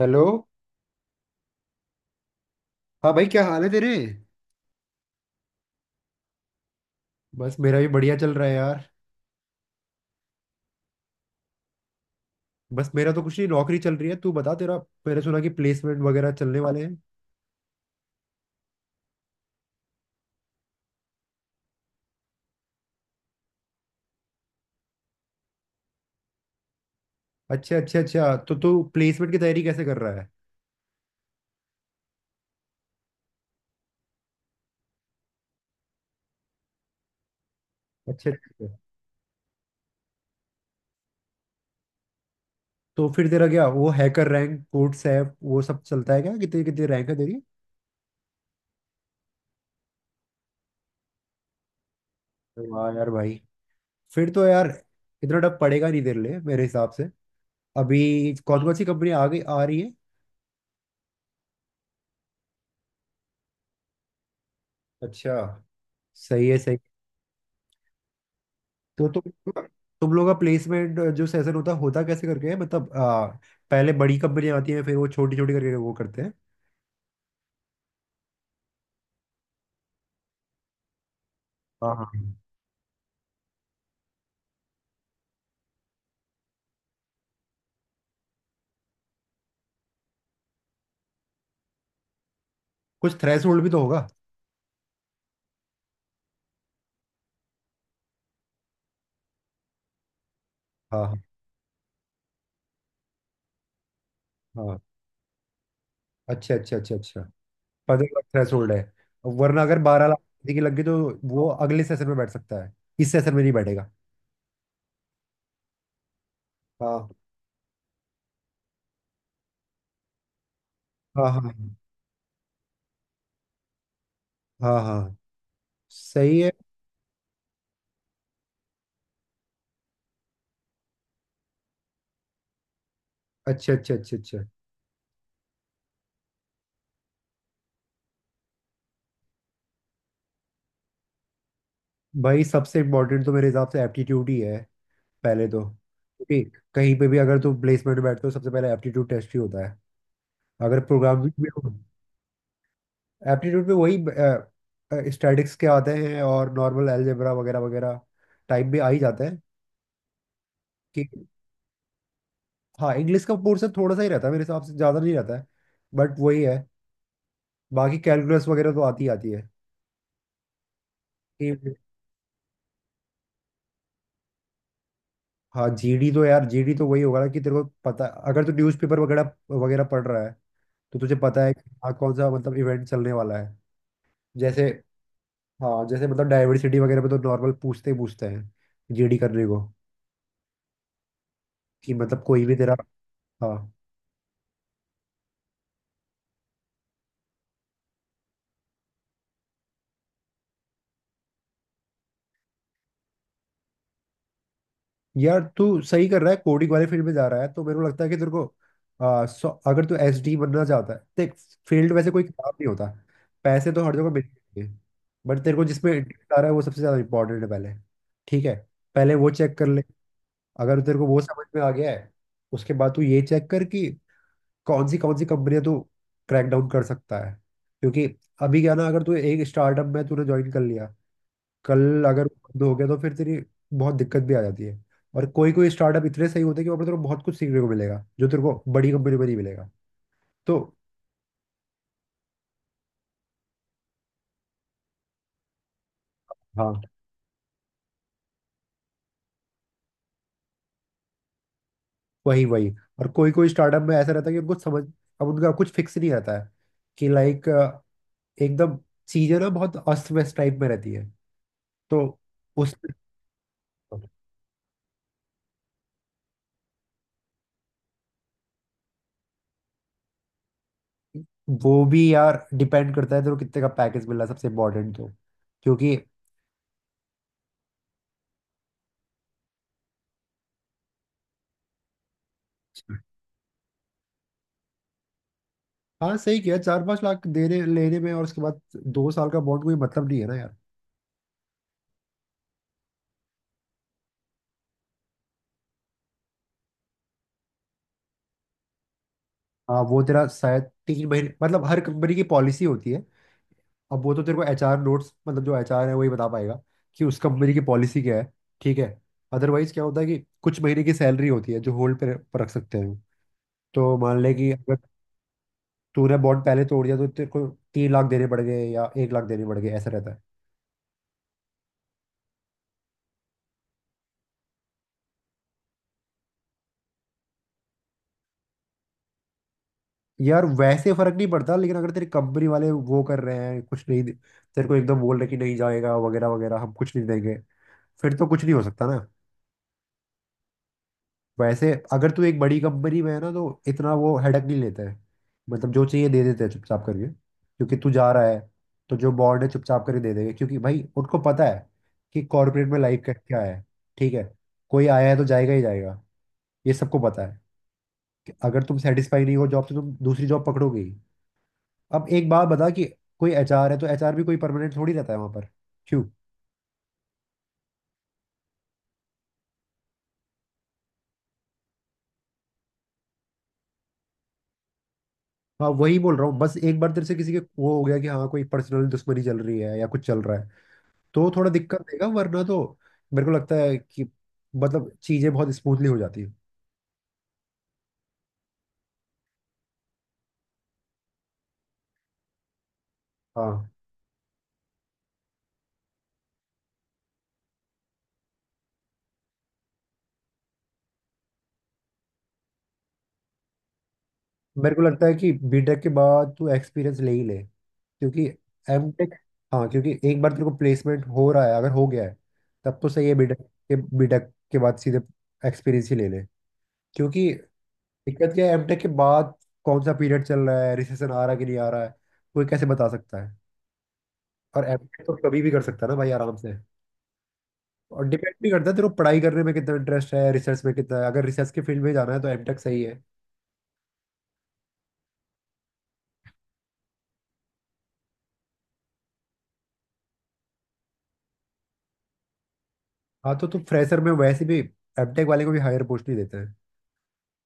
Hello. हाँ भाई, क्या हाल है तेरे? बस, मेरा भी बढ़िया चल रहा है यार। बस, मेरा तो कुछ नहीं, नौकरी चल रही है। तू बता तेरा। मैंने सुना कि प्लेसमेंट वगैरह चलने वाले हैं। अच्छा अच्छा अच्छा, तो तू प्लेसमेंट की तैयारी कैसे कर रहा है? अच्छा अच्छा। तो फिर तेरा क्या वो हैकर रैंक, कोड सैप वो सब चलता है क्या? कितनी कितनी रैंक है तेरी? वाह यार भाई! फिर तो यार इतना डर पड़ेगा नहीं तेरे लिए मेरे हिसाब से। अभी कौन कौन सी कंपनी आ गई, आ रही है? अच्छा। सही है, सही। तो तुम लोग का प्लेसमेंट जो सेशन होता है, होता कैसे करके है? मतलब पहले बड़ी कंपनियां आती हैं, फिर वो छोटी छोटी करके वो करते हैं। हाँ हाँ हाँ। कुछ थ्रेशोल्ड भी तो होगा। हाँ हाँ हाँ। अच्छा अच्छा अच्छा अच्छा। 15 लाख थ्रेशोल्ड है। वरना अगर 12 लाख किसी की लग गई तो वो अगले सेशन में बैठ सकता है। इस सेशन में नहीं बैठेगा। हाँ हाँ हाँ हाँ हाँ। सही है। अच्छा अच्छा अच्छा अच्छा। भाई, सबसे इम्पोर्टेंट तो मेरे हिसाब से एप्टीट्यूड ही है पहले, तो क्योंकि कहीं पे भी अगर तू प्लेसमेंट बैठते हो सबसे पहले एप्टीट्यूड टेस्ट ही होता है। अगर प्रोग्रामिंग में हो, एप्टीट्यूड में वही स्टैटिक्स के आते हैं और नॉर्मल अलजेब्रा वगैरह वगैरह टाइप भी आ ही जाते हैं कि। हाँ, इंग्लिश का पोर्शन थोड़ा सा ही रहता है मेरे हिसाब से, ज़्यादा नहीं रहता है। बट वही है। बाकी कैलकुलस वगैरह तो आती ही आती है कि। हाँ, जीडी तो यार जीडी तो वही होगा ना कि तेरे को पता। अगर तू न्यूज़पेपर वगैरह वगैरह पढ़ रहा है तो तुझे पता है कि हाँ, कौन सा मतलब इवेंट चलने वाला है। जैसे, हाँ जैसे मतलब डाइवर्सिटी वगैरह में तो नॉर्मल पूछते ही पूछते हैं जीडी करने को कि मतलब कोई भी तेरा। हाँ, यार तू सही कर रहा है, कोडिंग वाले फील्ड में जा रहा है, तो मेरे को लगता है कि तेरे को अगर तू SD बनना चाहता है, देख, फील्ड वैसे कोई खराब नहीं होता। पैसे तो हर जगह मिलते हैं। बट तेरे को जिसमें इंटरेस्ट आ रहा है वो सबसे ज़्यादा इंपॉर्टेंट है पहले। ठीक है? पहले वो चेक कर ले। अगर तेरे को वो समझ में आ गया है, उसके बाद तू ये चेक कर कि कौन सी कंपनियां तू क्रैक डाउन कर सकता है। क्योंकि अभी क्या ना, अगर तू एक स्टार्टअप में तूने ज्वाइन कर लिया, कल अगर वो बंद हो गया तो फिर तेरी बहुत दिक्कत भी आ जाती है। और कोई कोई स्टार्टअप इतने सही होते हैं कि वहाँ पर तेरे को बहुत कुछ सीखने को मिलेगा जो तेरे को बड़ी कंपनी पर नहीं मिलेगा। तो हाँ। वही वही। और कोई कोई स्टार्टअप में ऐसा रहता है कि उनको समझ, अब उनका कुछ फिक्स नहीं रहता है कि लाइक एकदम चीजें ना बहुत अस्त व्यस्त टाइप में रहती है। तो उस, वो भी यार डिपेंड करता है तेरे को कितने का पैकेज मिल रहा है सबसे इम्पोर्टेंट तो। क्योंकि हाँ, सही किया। 4-5 लाख देने लेने में और उसके बाद 2 साल का बॉन्ड, कोई मतलब नहीं है ना यार। हाँ, वो तेरा शायद 3 महीने, मतलब हर कंपनी की पॉलिसी होती है। अब वो तो तेरे को एचआर नोट्स, मतलब जो एचआर है, वही बता पाएगा कि उस कंपनी की पॉलिसी क्या है। ठीक है। अदरवाइज क्या होता है कि कुछ महीने की सैलरी होती है जो होल्ड पे पर रख सकते हैं। तो मान ले कि अगर तूने बॉन्ड पहले तोड़ दिया तो तेरे को 3 लाख देने पड़ गए या 1 लाख देने पड़ गए, ऐसा रहता है। यार वैसे फर्क नहीं पड़ता, लेकिन अगर तेरी कंपनी वाले वो कर रहे हैं कुछ नहीं तेरे को एकदम बोल रहे कि नहीं जाएगा वगैरह वगैरह, हम कुछ नहीं देंगे, फिर तो कुछ नहीं हो सकता ना। वैसे अगर तू एक बड़ी कंपनी में है ना तो इतना वो हेडक नहीं लेता है। मतलब जो चाहिए दे देते हैं चुपचाप करके क्योंकि तू जा रहा है, तो जो बॉर्ड है चुपचाप करके दे देंगे क्योंकि भाई उनको पता है कि कॉर्पोरेट में लाइफ का क्या है। ठीक है। कोई आया है तो जाएगा ही जाएगा, ये सबको पता है कि अगर तुम सेटिस्फाई नहीं हो जॉब से तुम दूसरी जॉब पकड़ोगे ही। अब एक बात बता कि कोई एचआर है तो एचआर भी कोई परमानेंट थोड़ी रहता है वहां पर, क्यों? हाँ, वही बोल रहा हूँ। बस एक बार तेरे से किसी के वो हो गया कि हाँ, कोई पर्सनल दुश्मनी चल रही है या कुछ चल रहा है, तो थोड़ा दिक्कत देगा, वरना तो मेरे को लगता है कि मतलब चीजें बहुत स्मूथली हो जाती है। हाँ, मेरे को लगता है कि बीटेक के बाद तू एक्सपीरियंस ले ही ले क्योंकि एमटेक, हाँ क्योंकि एक बार तेरे को प्लेसमेंट हो रहा है अगर हो गया है, तब तो सही है। बीटेक के बाद सीधे एक्सपीरियंस ही ले ले क्योंकि दिक्कत क्या है एमटेक के बाद कौन सा पीरियड चल रहा है, रिसेशन आ रहा है कि नहीं आ रहा है, कोई कैसे बता सकता है? और एमटेक तो कभी भी कर सकता है ना भाई, आराम से। और डिपेंड भी करता है तेरे को पढ़ाई करने में कितना इंटरेस्ट है, रिसर्च में कितना है। अगर रिसर्च के फील्ड में जाना है तो एमटेक सही है। हाँ, तो तुम फ्रेशर में वैसे भी एमटेक वाले को भी हायर पोस्ट नहीं देते हैं।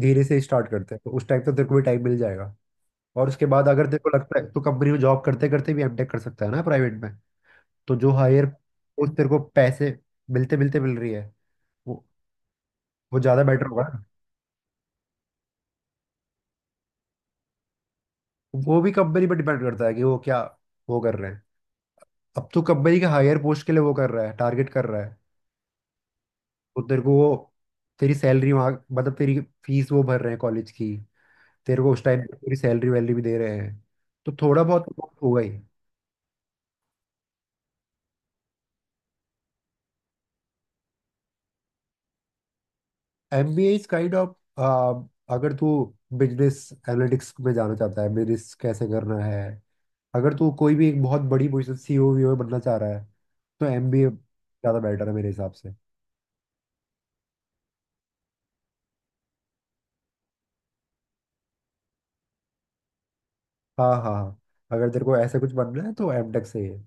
धीरे से स्टार्ट करते हैं, तो उस टाइम तो तेरे को भी टाइम मिल जाएगा। और उसके बाद अगर तेरे को लगता है तो कंपनी में जॉब करते करते भी एमटेक कर सकता है ना प्राइवेट में। तो जो हायर पोस्ट तेरे को पैसे मिलते मिलते मिल रही है वो वो ज़्यादा बेटर होगा। वो भी कंपनी पर डिपेंड करता है कि वो क्या वो कर रहे हैं। अब तो कंपनी के हायर पोस्ट के लिए वो कर रहा है, टारगेट कर रहा है, तो तेरे को वो तेरी सैलरी वहाँ मतलब तेरी फीस वो भर रहे हैं कॉलेज की, तेरे को उस टाइम तेरी सैलरी वैलरी भी दे रहे हैं, तो थोड़ा बहुत तो होगा ही। MBA इज काइंड ऑफ, अगर तू बिजनेस एनालिटिक्स में जाना चाहता है, बिजनेस कैसे करना है, अगर तू कोई भी एक बहुत बड़ी पोजिशन सीईओ वीओ बनना चाह रहा है, तो MBA ज़्यादा बेटर है मेरे हिसाब से। हाँ हाँ हाँ। अगर तेरे को ऐसा कुछ बनना है तो एमटेक सही है।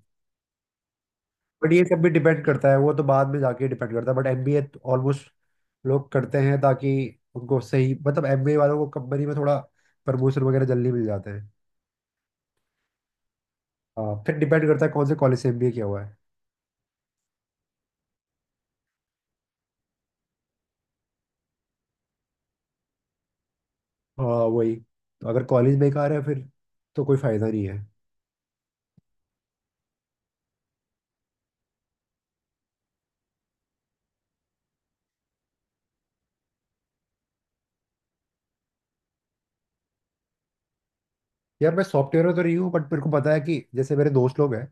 बट ये सब भी डिपेंड करता है, वो तो बाद में जाके डिपेंड करता है, बट एमबीए ऑलमोस्ट लोग करते हैं ताकि उनको सही मतलब एमबीए वालों को कंपनी में थोड़ा प्रमोशन वगैरह जल्दी मिल जाते हैं। हाँ, फिर डिपेंड करता है कौन से कॉलेज से एमबीए किया हुआ है। हाँ वही। तो अगर कॉलेज बेकार है फिर तो कोई फायदा नहीं है। यार मैं सॉफ्टवेयर में तो नहीं हूँ, बट मेरे को पता है कि जैसे मेरे दोस्त लोग हैं,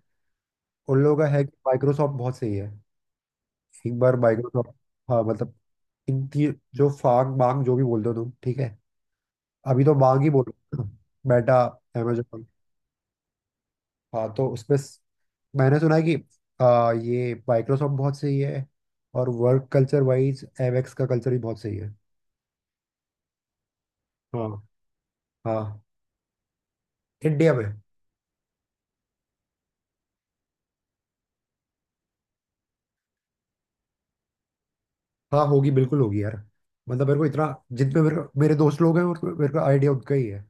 उन लोगों का है कि माइक्रोसॉफ्ट बहुत सही है। एक बार माइक्रोसॉफ्ट, हाँ मतलब इनकी जो फांग मांग जो भी बोल दो तुम, ठीक है, अभी तो मांग ही बोलो बेटा। अमेजोन, हाँ तो उसमें मैंने सुना है कि ये माइक्रोसॉफ्ट बहुत सही है और वर्क कल्चर वाइज एवेक्स का कल्चर भी बहुत सही है। हाँ। हाँ इंडिया में। हाँ होगी, बिल्कुल होगी यार। मतलब मेरे को इतना, जितने मेरे मेरे दोस्त लोग हैं और मेरे को आइडिया उनका ही है।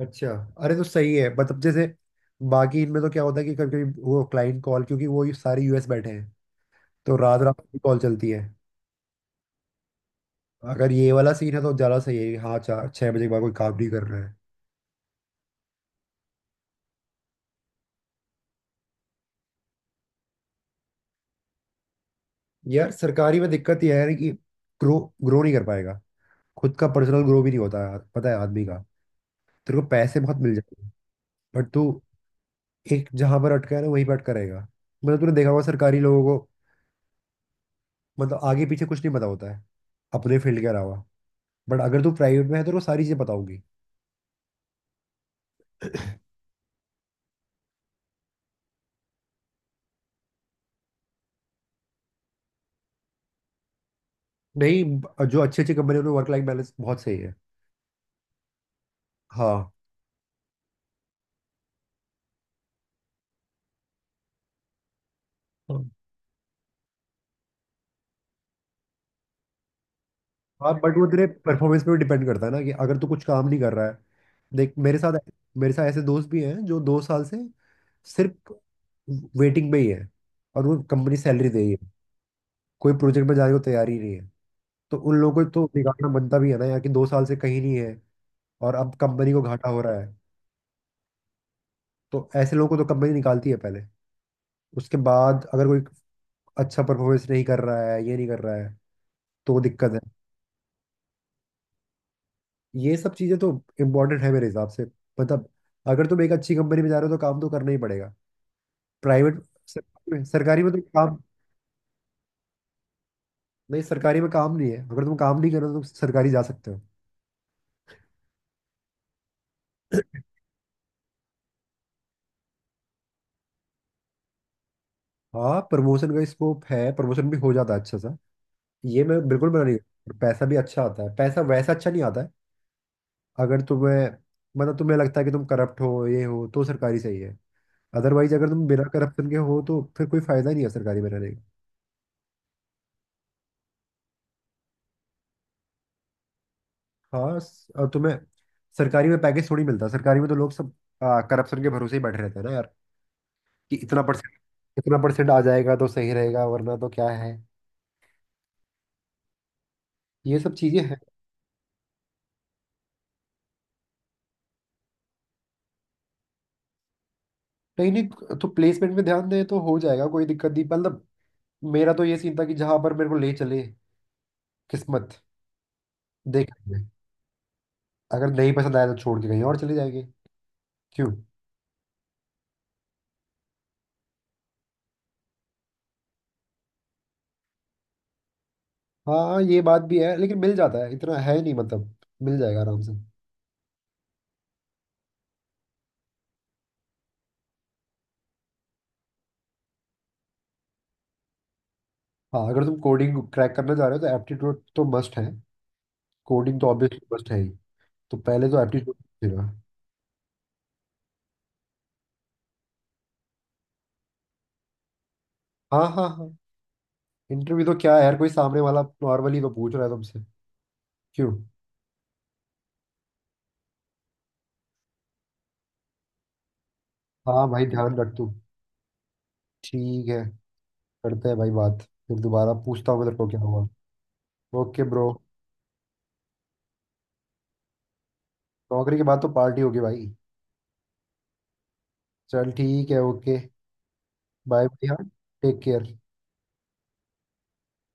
अच्छा, अरे तो सही है। मतलब जैसे बाकी इनमें तो क्या होता है कि कभी कभी वो क्लाइंट कॉल, क्योंकि वो ये सारे यूएस बैठे हैं, तो रात रात की कॉल चलती है। अगर ये वाला सीन है तो ज्यादा सही है कि हाँ, 4-6 बजे के बाद कोई काम नहीं करना है। यार सरकारी में दिक्कत ये है ना कि ग्रो, ग्रो नहीं कर पाएगा, खुद का पर्सनल ग्रो भी नहीं होता यार, पता है आदमी का। तेरे को पैसे बहुत मिल जाते हैं, बट तू एक जहां पर अटका है ना वहीं पर अटका रहेगा। मतलब तूने देखा होगा सरकारी लोगों को, मतलब आगे पीछे कुछ नहीं पता होता है अपने फील्ड के अलावा। बट अगर तू प्राइवेट में है तो तेरे को सारी चीजें पता होगी। नहीं जो अच्छी अच्छी कंपनी में वर्क लाइफ बैलेंस बहुत सही है। हाँ। हाँ, बट वो तेरे परफॉर्मेंस पे भी डिपेंड करता है ना कि अगर तू कुछ काम नहीं कर रहा है। देख, मेरे साथ, मेरे साथ ऐसे दोस्त भी हैं जो 2 साल से सिर्फ वेटिंग में ही है और वो कंपनी सैलरी दे रही है। कोई प्रोजेक्ट में जाने को तैयार ही नहीं है। तो उन लोगों को तो बिगाड़ना बनता भी है ना यार कि 2 साल से कहीं नहीं है और अब कंपनी को घाटा हो रहा है। तो ऐसे लोगों को तो कंपनी निकालती है पहले। उसके बाद अगर कोई अच्छा परफॉर्मेंस नहीं कर रहा है, ये नहीं कर रहा है तो वो दिक्कत है। ये सब चीजें तो इम्पोर्टेंट है मेरे हिसाब से। मतलब अगर तुम एक अच्छी कंपनी में जा रहे हो तो काम तो करना ही पड़ेगा। प्राइवेट, सरकारी में, सरकारी में तो काम नहीं, सरकारी में काम नहीं है। अगर तुम काम नहीं कर रहे हो तो सरकारी जा सकते हो। हाँ, प्रमोशन का स्कोप है, प्रमोशन भी हो जाता है अच्छा सा। ये मैं बिल्कुल मना नहीं करता। और पैसा भी अच्छा आता है, पैसा वैसा अच्छा नहीं आता है। अगर तुम्हें मतलब तुम्हें लगता है कि तुम करप्ट हो ये हो तो सरकारी सही है। अदरवाइज अगर तुम बिना करप्शन के हो तो फिर कोई फायदा ही नहीं है सरकारी में रहने। हाँ और तुम्हें सरकारी में पैकेज थोड़ी मिलता है। सरकारी में तो लोग सब करप्शन के भरोसे ही बैठे रहते हैं ना यार कि इतना परसेंट, इतना परसेंट आ जाएगा तो सही रहेगा, वरना तो क्या है ये सब चीजें हैं। नहीं नहीं, तो प्लेसमेंट में ध्यान दें तो हो जाएगा, कोई दिक्कत नहीं, मतलब मेरा तो ये सीन था कि जहां पर मेरे को ले चले किस्मत, देख लेंगे। अगर नहीं पसंद आया तो छोड़ के कहीं और चले जाएंगे, क्यों? हाँ ये बात भी है, लेकिन मिल जाता है, इतना है नहीं, मतलब मिल जाएगा आराम से। हाँ, अगर तुम कोडिंग क्रैक करना चाह रहे हो तो एप्टीट्यूड तो मस्ट है, कोडिंग तो ऑब्वियसली मस्ट है ही। तो पहले तो एप्टीट्यूड पूछेगा। हाँ हाँ हाँ। इंटरव्यू तो क्या है यार, कोई सामने वाला नॉर्मली तो पूछ रहा है तुमसे, क्यों? हाँ भाई, ध्यान रख तू, ठीक है। करते हैं भाई बात, फिर दोबारा पूछता हूँ तेरे को क्या हुआ। ओके ब्रो, नौकरी के बाद तो पार्टी होगी भाई। चल ठीक है, ओके, बाय बाय, हाँ, टेक केयर।